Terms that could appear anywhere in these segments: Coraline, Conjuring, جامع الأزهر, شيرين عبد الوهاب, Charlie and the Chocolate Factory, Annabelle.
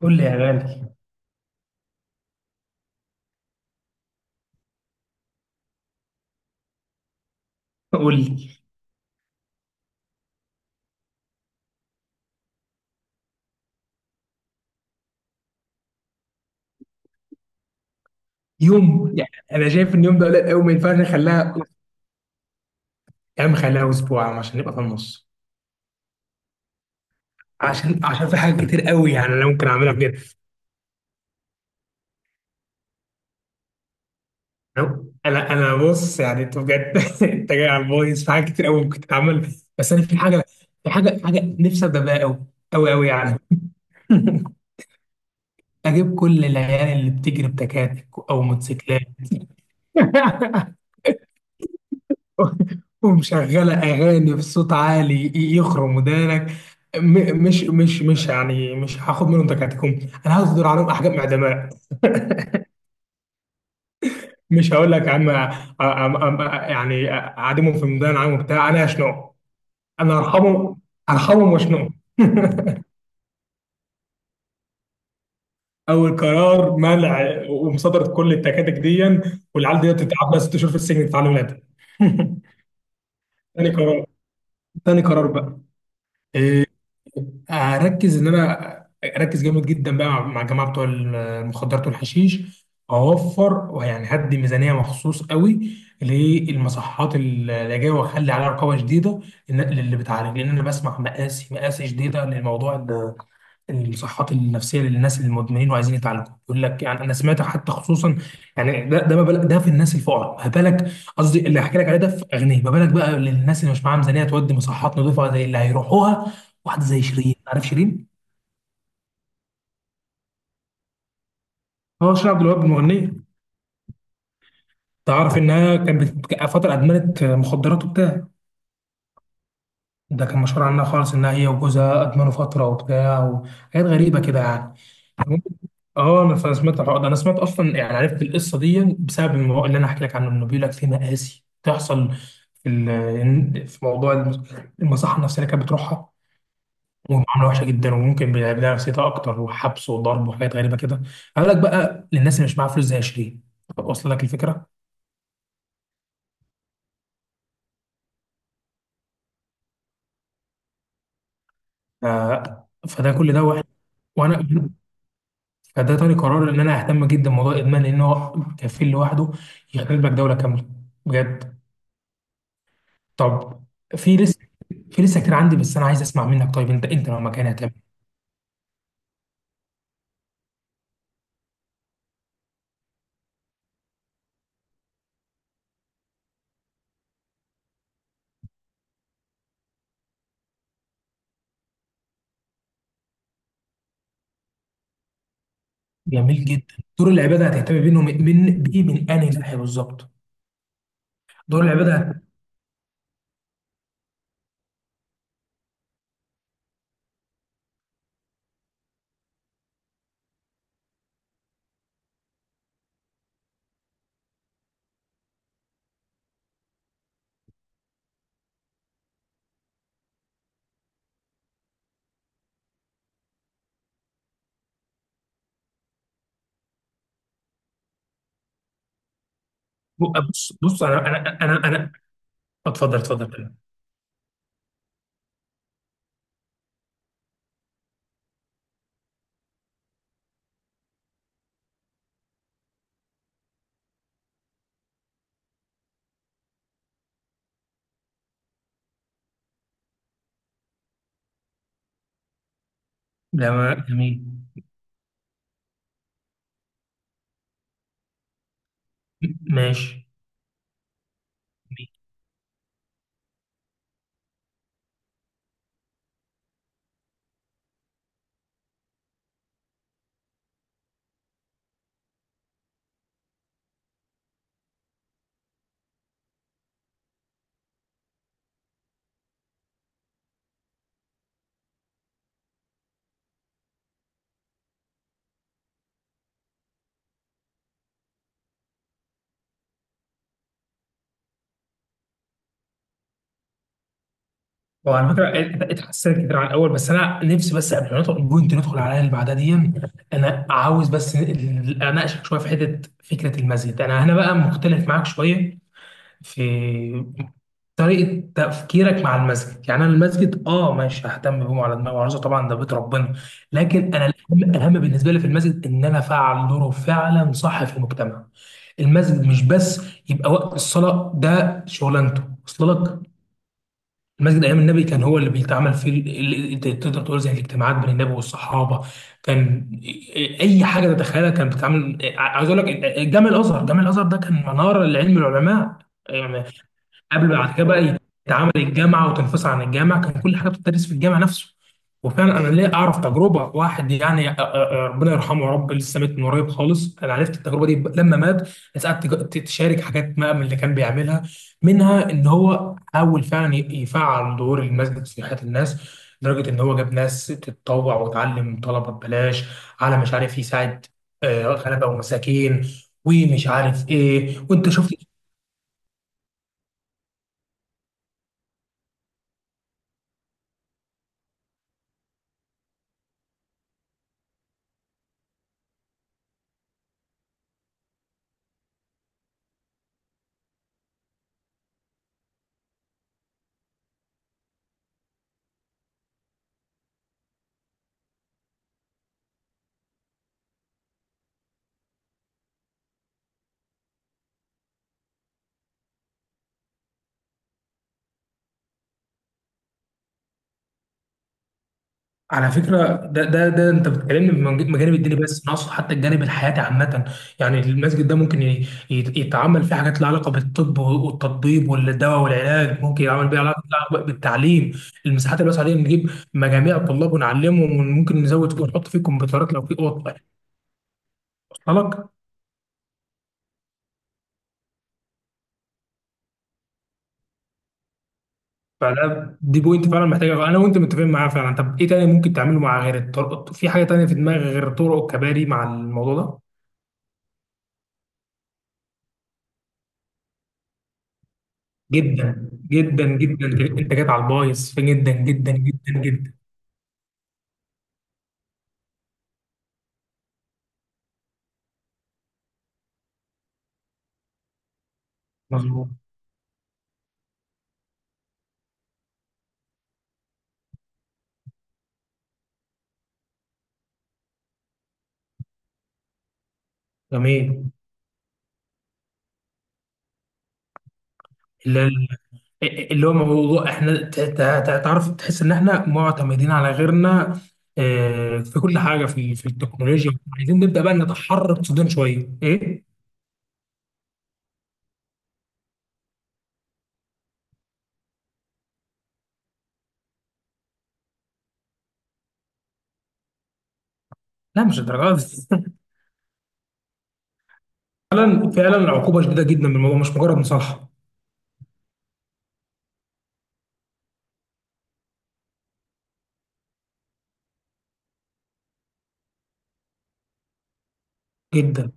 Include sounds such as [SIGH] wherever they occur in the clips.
قول لي يا غالي، قول لي. يوم، يعني انا شايف ان يوم ده قليل قوي، ما ينفعش نخليها. يا عم خليها اسبوع يا عم عشان نبقى في النص. عشان في حاجات كتير قوي، يعني انا ممكن اعملها بجد. انا انا أنا بص، يعني انت بجد. [LAUGHS] انت جاي على البايظ، في حاجات كتير قوي ممكن تتعمل. بس انا في حاجه، في حاجه نفسي ابدا بيها قوي قوي قوي يعني. [LAUGHS] اجيب كل العيال اللي بتجري بتكاتك او موتوسيكلات. [LAUGHS] [LAUGHS] ومشغلة أغاني بصوت عالي يخرم ودانك. م- مش مش مش يعني مش هاخد منهم تكاتكهم، أنا هصدر عليهم أحكام إعدامات. مش هقول لك يا عم، يعني أعدمهم في ميدان عام وبتاع، أنا هشنقهم. أنا هرحمهم، هرحمهم وأشنقهم. [LAUGHS] أول قرار: منع ومصادرة كل التكاتك دي، والعيال دي تتعب لها 6 شهور في السجن تتعلم لها. [LAUGHS] تاني قرار، تاني قرار بقى، إيه، هركز ان انا اركز جامد جدا بقى مع الجماعه بتوع المخدرات والحشيش. اوفر، ويعني هدي ميزانيه مخصوص قوي للمصحات اللي جايه، واخلي عليها رقابه شديده للي بتعالج. لان انا بسمع مقاسي مقاسي شديده للموضوع، الصحات النفسيه للناس المدمنين وعايزين يتعالجوا. يقول لك يعني انا سمعت حتى خصوصا، يعني ده ما بالك، ده في الناس الفقراء ما بالك. قصدي اللي هحكي لك عليه ده في اغنيه، ما بالك بقى للناس اللي مش معاها ميزانيه تودي مصحات نظيفه زي اللي هيروحوها. واحده زي شيرين، عارف شيرين؟ اه، شيرين عبد الوهاب المغنيه. تعرف انها كانت فتره ادمنت مخدرات وبتاع. ده كان مشهور عنها خالص، انها هي وجوزها ادمنوا فتره وبتاع، وحاجات غريبه كده يعني. اه انا سمعت الحوار ده، انا سمعت اصلا، يعني عرفت القصه دي بسبب الموضوع اللي انا هحكي لك عنه، انه بيقول لك في مآسي بتحصل في في موضوع المصحه النفسيه اللي كانت بتروحها، ومعامله وحشه جدا، وممكن بيلعب لها نفسيتها اكتر، وحبس وضرب وحاجات غريبه كده. قال لك بقى للناس اللي مش معاها فلوس زي شيرين، واصل لك الفكره. ف... فده كل ده واحد. وانا [CLEARS THROAT] فده تاني قرار، ان انا اهتم جدا بموضوع الادمان، لان هو كفيل لوحده يخرب لك دوله كامله بجد. طب، في لسه، كتير عندي، بس انا عايز اسمع منك. طيب، انت لو مكاني هتعمل إيه؟ جميل جدا. دور العباده هتهتم بينه من بايه؟ من انهي ناحيه بالظبط؟ دور العباده. بص بص، انا اتفضل اتفضل. لا، جميل. ماشي. جميل. هو على فكره اتحسنت كتير عن الاول، بس انا نفسي بس قبل ما ندخل البوينت ندخل على اللي بعدها دي. انا عاوز بس اناقشك شويه في حته فكره المسجد، انا هنا بقى مختلف معاك شويه في طريقة تفكيرك مع المسجد. يعني أنا المسجد، آه، ماشي، ههتم بيه على دماغي وعروسه، طبعا ده بيت ربنا. لكن أنا، الأهم الأهم بالنسبة لي في المسجد إن أنا أفعل دوره فعلا صح في المجتمع. المسجد مش بس يبقى وقت الصلاة ده شغلانته، وصل لك. المسجد أيام النبي كان هو اللي بيتعمل فيه تقدر تقول زي الاجتماعات بين النبي والصحابة. كان أي حاجة تتخيلها كانت بتتعمل، عايز أقول لك جامع الأزهر. جامع الأزهر ده كان منارة لعلم العلماء يعني. قبل بعد كده بقى يتعامل الجامعه وتنفصل عن الجامعه، كان كل حاجه بتدرس في الجامعه نفسه. وفعلا انا ليه اعرف تجربه واحد، يعني ربنا يرحمه يا رب، لسه مات من قريب خالص، انا عرفت التجربه دي لما مات. ناس قعدت تشارك حاجات ما من اللي كان بيعملها، منها ان هو حاول فعلا يفعل دور المسجد في حياه الناس، لدرجه ان هو جاب ناس تتطوع وتعلم طلبه ببلاش، على مش عارف يساعد، آه، غلبه ومساكين، ومش عارف ايه، وانت شفت. على فكرة ده انت بتكلمني من مجانب الديني، بس انا اقصد حتى الجانب الحياتي عامة. يعني المسجد ده ممكن يتعمل فيه حاجات لها علاقة بالطب والتطبيب والدواء والعلاج، ممكن يعمل بيها علاقة، لها علاقة بالتعليم. المساحات الواسعة دي نجيب مجاميع الطلاب ونعلمهم، وممكن نزود ونحط فيه كمبيوترات لو في اوض، وصل لك. فده دي بوينت فعلا محتاجة، انا وانت متفقين معاها فعلا. طب ايه تاني ممكن تعمله مع غير الطرق؟ في حاجة تانية في دماغك غير الطرق والكباري مع الموضوع ده؟ جدا جدا جدا، انت جات على البايظ جدا جدا جدا جدا. مظبوط. جميل. اللي, اللي هو موضوع احنا تعرف تحس ان احنا معتمدين على غيرنا، آه، في كل حاجه، في التكنولوجيا. عايزين نبدا بقى نتحرر صدورنا شويه ايه. لا، مش الدرجات دي. [LAUGHS] فعلا فعلا العقوبه شديده جدا من الموضوع، مش مجرد مصالحه. جدا.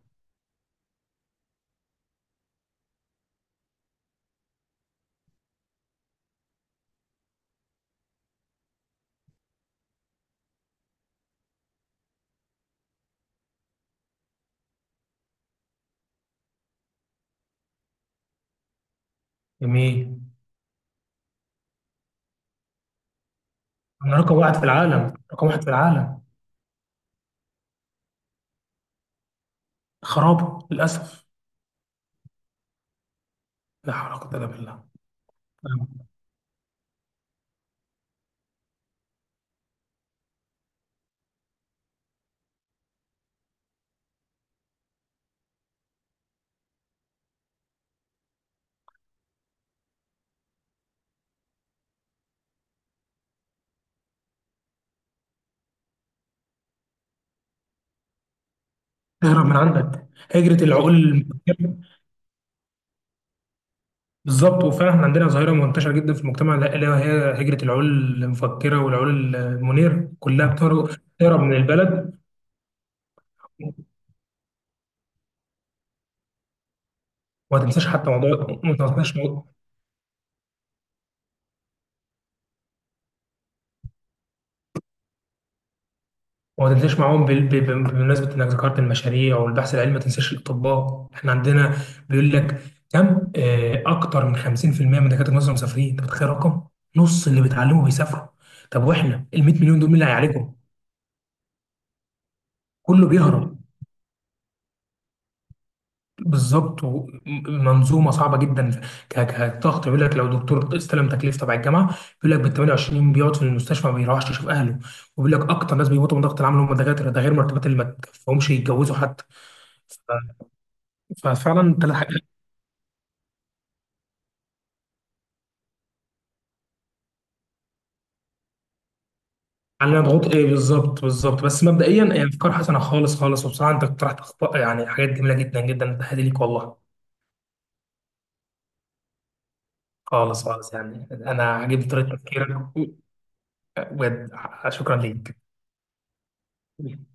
جميل. انا رقم واحد في العالم، رقم واحد في العالم. خراب للاسف. لا حول ولا قوه الا بالله. تهرب من عندك، هجرة العقول المفكرة. بالظبط، وفعلا احنا عندنا ظاهرة منتشرة جدا في المجتمع ده، اللي هي هجرة العقول المفكرة والعقول المنيرة، كلها بتهرب، تهرب من البلد. وما تنساش حتى موضوع، ما تنساش موضوع، وما تنساش معاهم بمناسبة انك ذكرت المشاريع والبحث العلمي، ما تنساش الاطباء. احنا عندنا بيقول لك كم، آه، اكتر من 50% من دكاترة مصر مسافرين. انت متخيل رقم؟ نص اللي بيتعلموا بيسافروا. طب واحنا ال 100 مليون دول، مين اللي هيعالجهم؟ كله بيهرب، بالظبط. منظومه صعبه جدا. كضغط، يقول لك لو دكتور استلم تكليف تبع الجامعه بيقول لك بال 28 يوم بيقعد في المستشفى ما بيروحش يشوف اهله، وبيقول لك اكتر ناس بيموتوا من ضغط العمل هم الدكاتره، ده غير مرتبات اللي ما تكفيهمش يتجوزوا حتى. ف- ففعلا ثلاث حاجات علينا ضغوط، ايه بالظبط بالظبط. بس مبدئيا هي افكار حسنه خالص خالص، وبصراحه انت اقترحت، يعني حاجات جميله جدا جدا، تحياتي ليك والله. خالص خالص، يعني انا عجبني طريقه تفكيرك بجد. شكرا ليك.